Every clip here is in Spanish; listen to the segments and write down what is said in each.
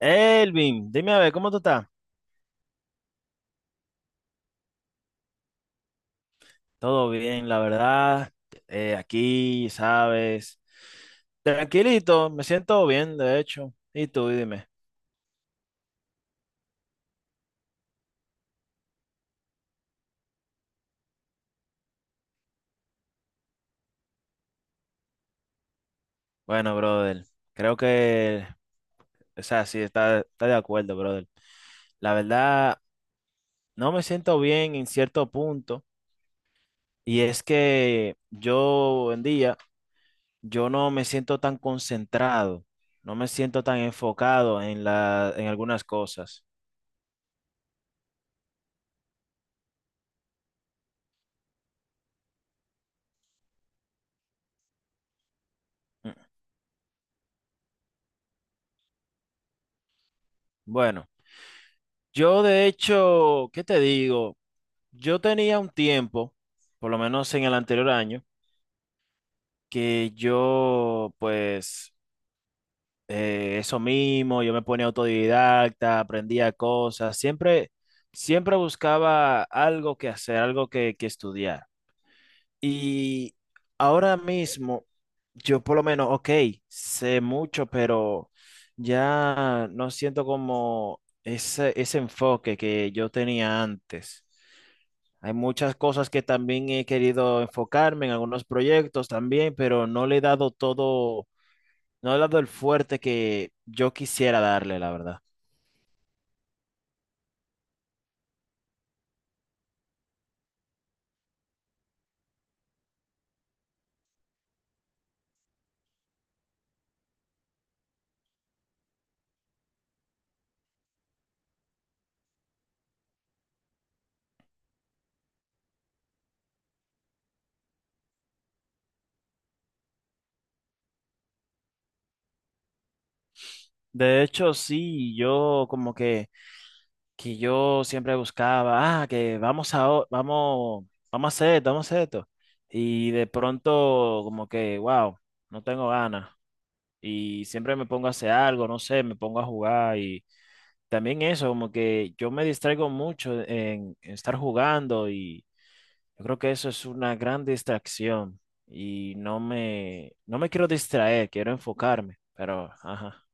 Elvin, dime a ver, ¿cómo tú estás? Todo bien, la verdad. Aquí, sabes. Tranquilito, me siento bien, de hecho. ¿Y tú, dime? Bueno, brother, creo que, o sea, sí, está de acuerdo, brother. La verdad, no me siento bien en cierto punto. Y es que yo, en día, yo no me siento tan concentrado, no me siento tan enfocado en en algunas cosas. Mm. Bueno, yo de hecho, ¿qué te digo? Yo tenía un tiempo, por lo menos en el anterior año, que yo pues, eso mismo, yo me ponía autodidacta, aprendía cosas, siempre buscaba algo que hacer, algo que estudiar. Y ahora mismo, yo por lo menos, ok, sé mucho, pero ya no siento como ese enfoque que yo tenía antes. Hay muchas cosas que también he querido enfocarme en algunos proyectos también, pero no le he dado todo, no le he dado el fuerte que yo quisiera darle, la verdad. De hecho, sí, que yo siempre buscaba, ah, que vamos a, o- vamos, vamos a hacer esto, vamos a hacer esto. Y de pronto como que, wow, no tengo ganas. Y siempre me pongo a hacer algo, no sé, me pongo a jugar y también eso, como que yo me distraigo mucho en estar jugando y yo creo que eso es una gran distracción y no me quiero distraer, quiero enfocarme, pero, ajá.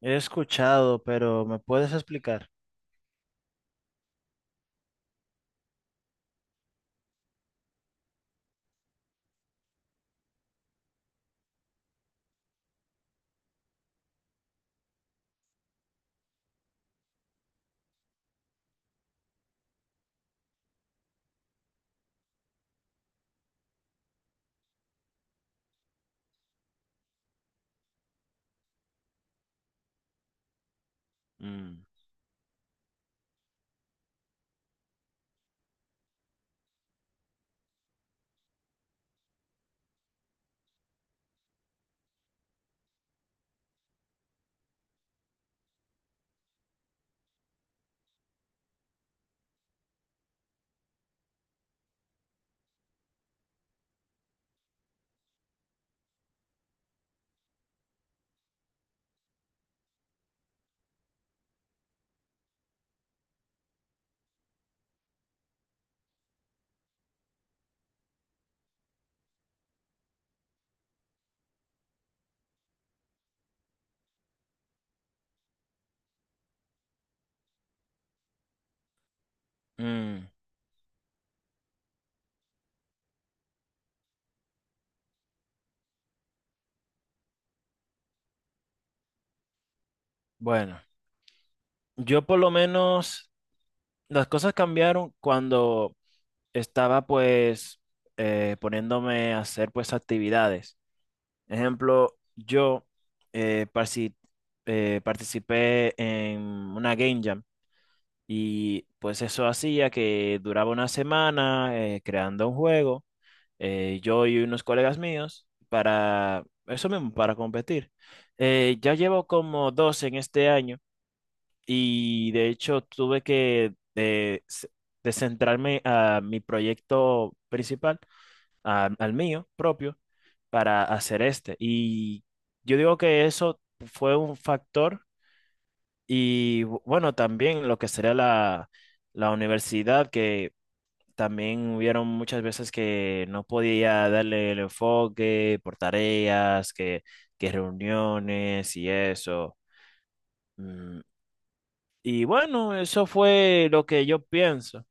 He escuchado, pero ¿me puedes explicar? Mm, mm. Bueno, yo por lo menos las cosas cambiaron cuando estaba pues, poniéndome a hacer pues actividades. Ejemplo, yo eh, parci- participé en una game jam. Y pues eso hacía que duraba una semana creando un juego, yo y unos colegas míos, para eso mismo, para competir. Ya llevo como dos en este año y de hecho tuve que descentrarme a mi proyecto principal, al mío propio, para hacer este. Y yo digo que eso fue un factor y bueno, también lo que sería la universidad, que también hubieron muchas veces que no podía darle el enfoque por tareas, que reuniones y eso. Mm. Y bueno, eso fue lo que yo pienso.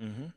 Ujú,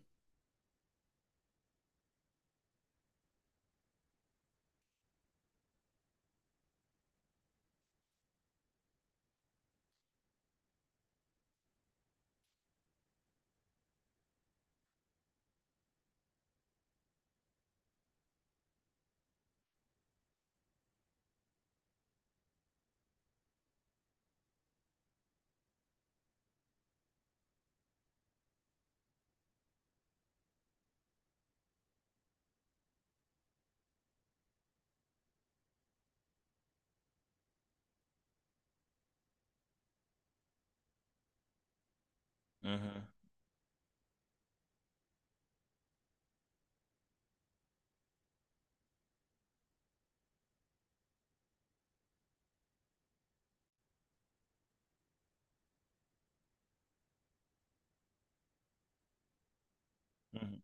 ujú, ujú,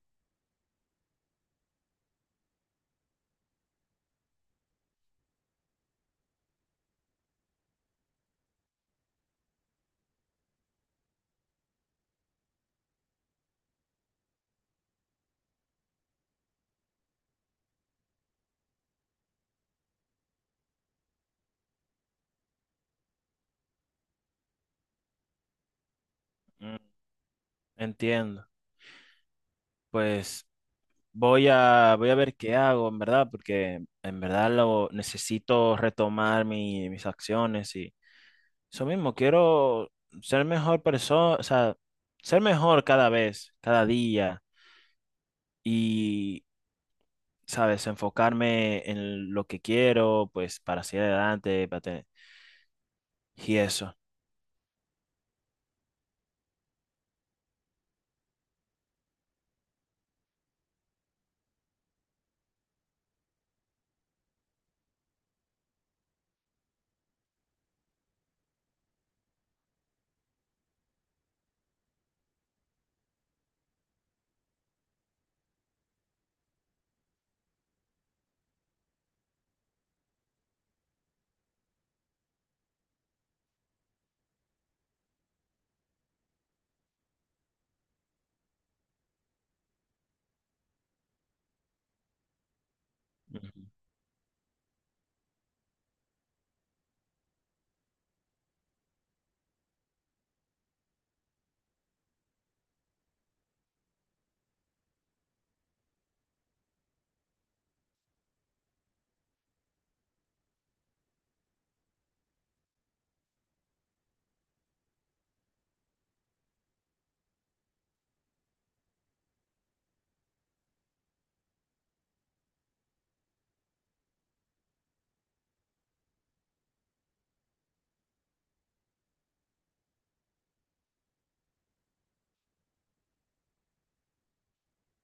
ujú. Entiendo. Pues voy a ver qué hago, en verdad, porque en verdad lo necesito retomar mis acciones y eso mismo, quiero ser mejor persona, o sea, ser mejor cada vez, cada día y, ¿sabes? Enfocarme en lo que quiero, pues, para seguir adelante, para tener, y eso. Ujú,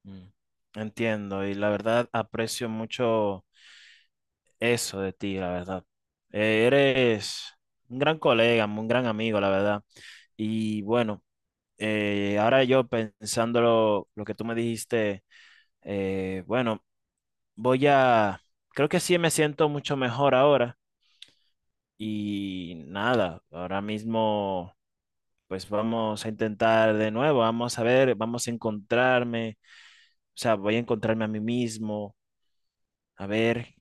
mm. Entiendo, y la verdad aprecio mucho eso de ti, la verdad. Eres un gran colega, un gran amigo, la verdad. Y bueno, ahora yo pensando lo que tú me dijiste, bueno, voy a, creo que sí me siento mucho mejor ahora y nada, ahora mismo pues vamos a intentar de nuevo, vamos a ver, vamos a encontrarme, o sea, voy a encontrarme a mí mismo, a ver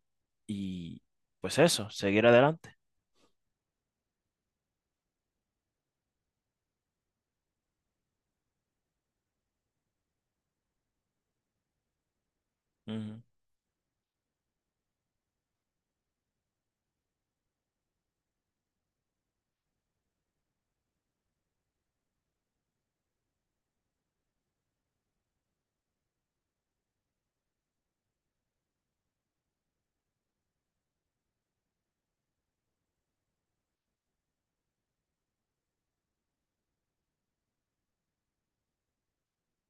y pues eso, seguir adelante. Ujú,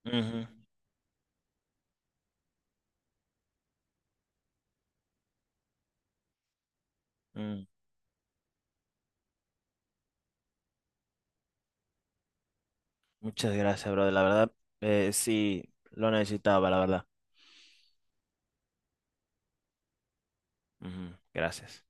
ujú, mm. Muchas gracias, brother, la verdad, sí, lo necesitaba, la verdad. Ujú, gracias.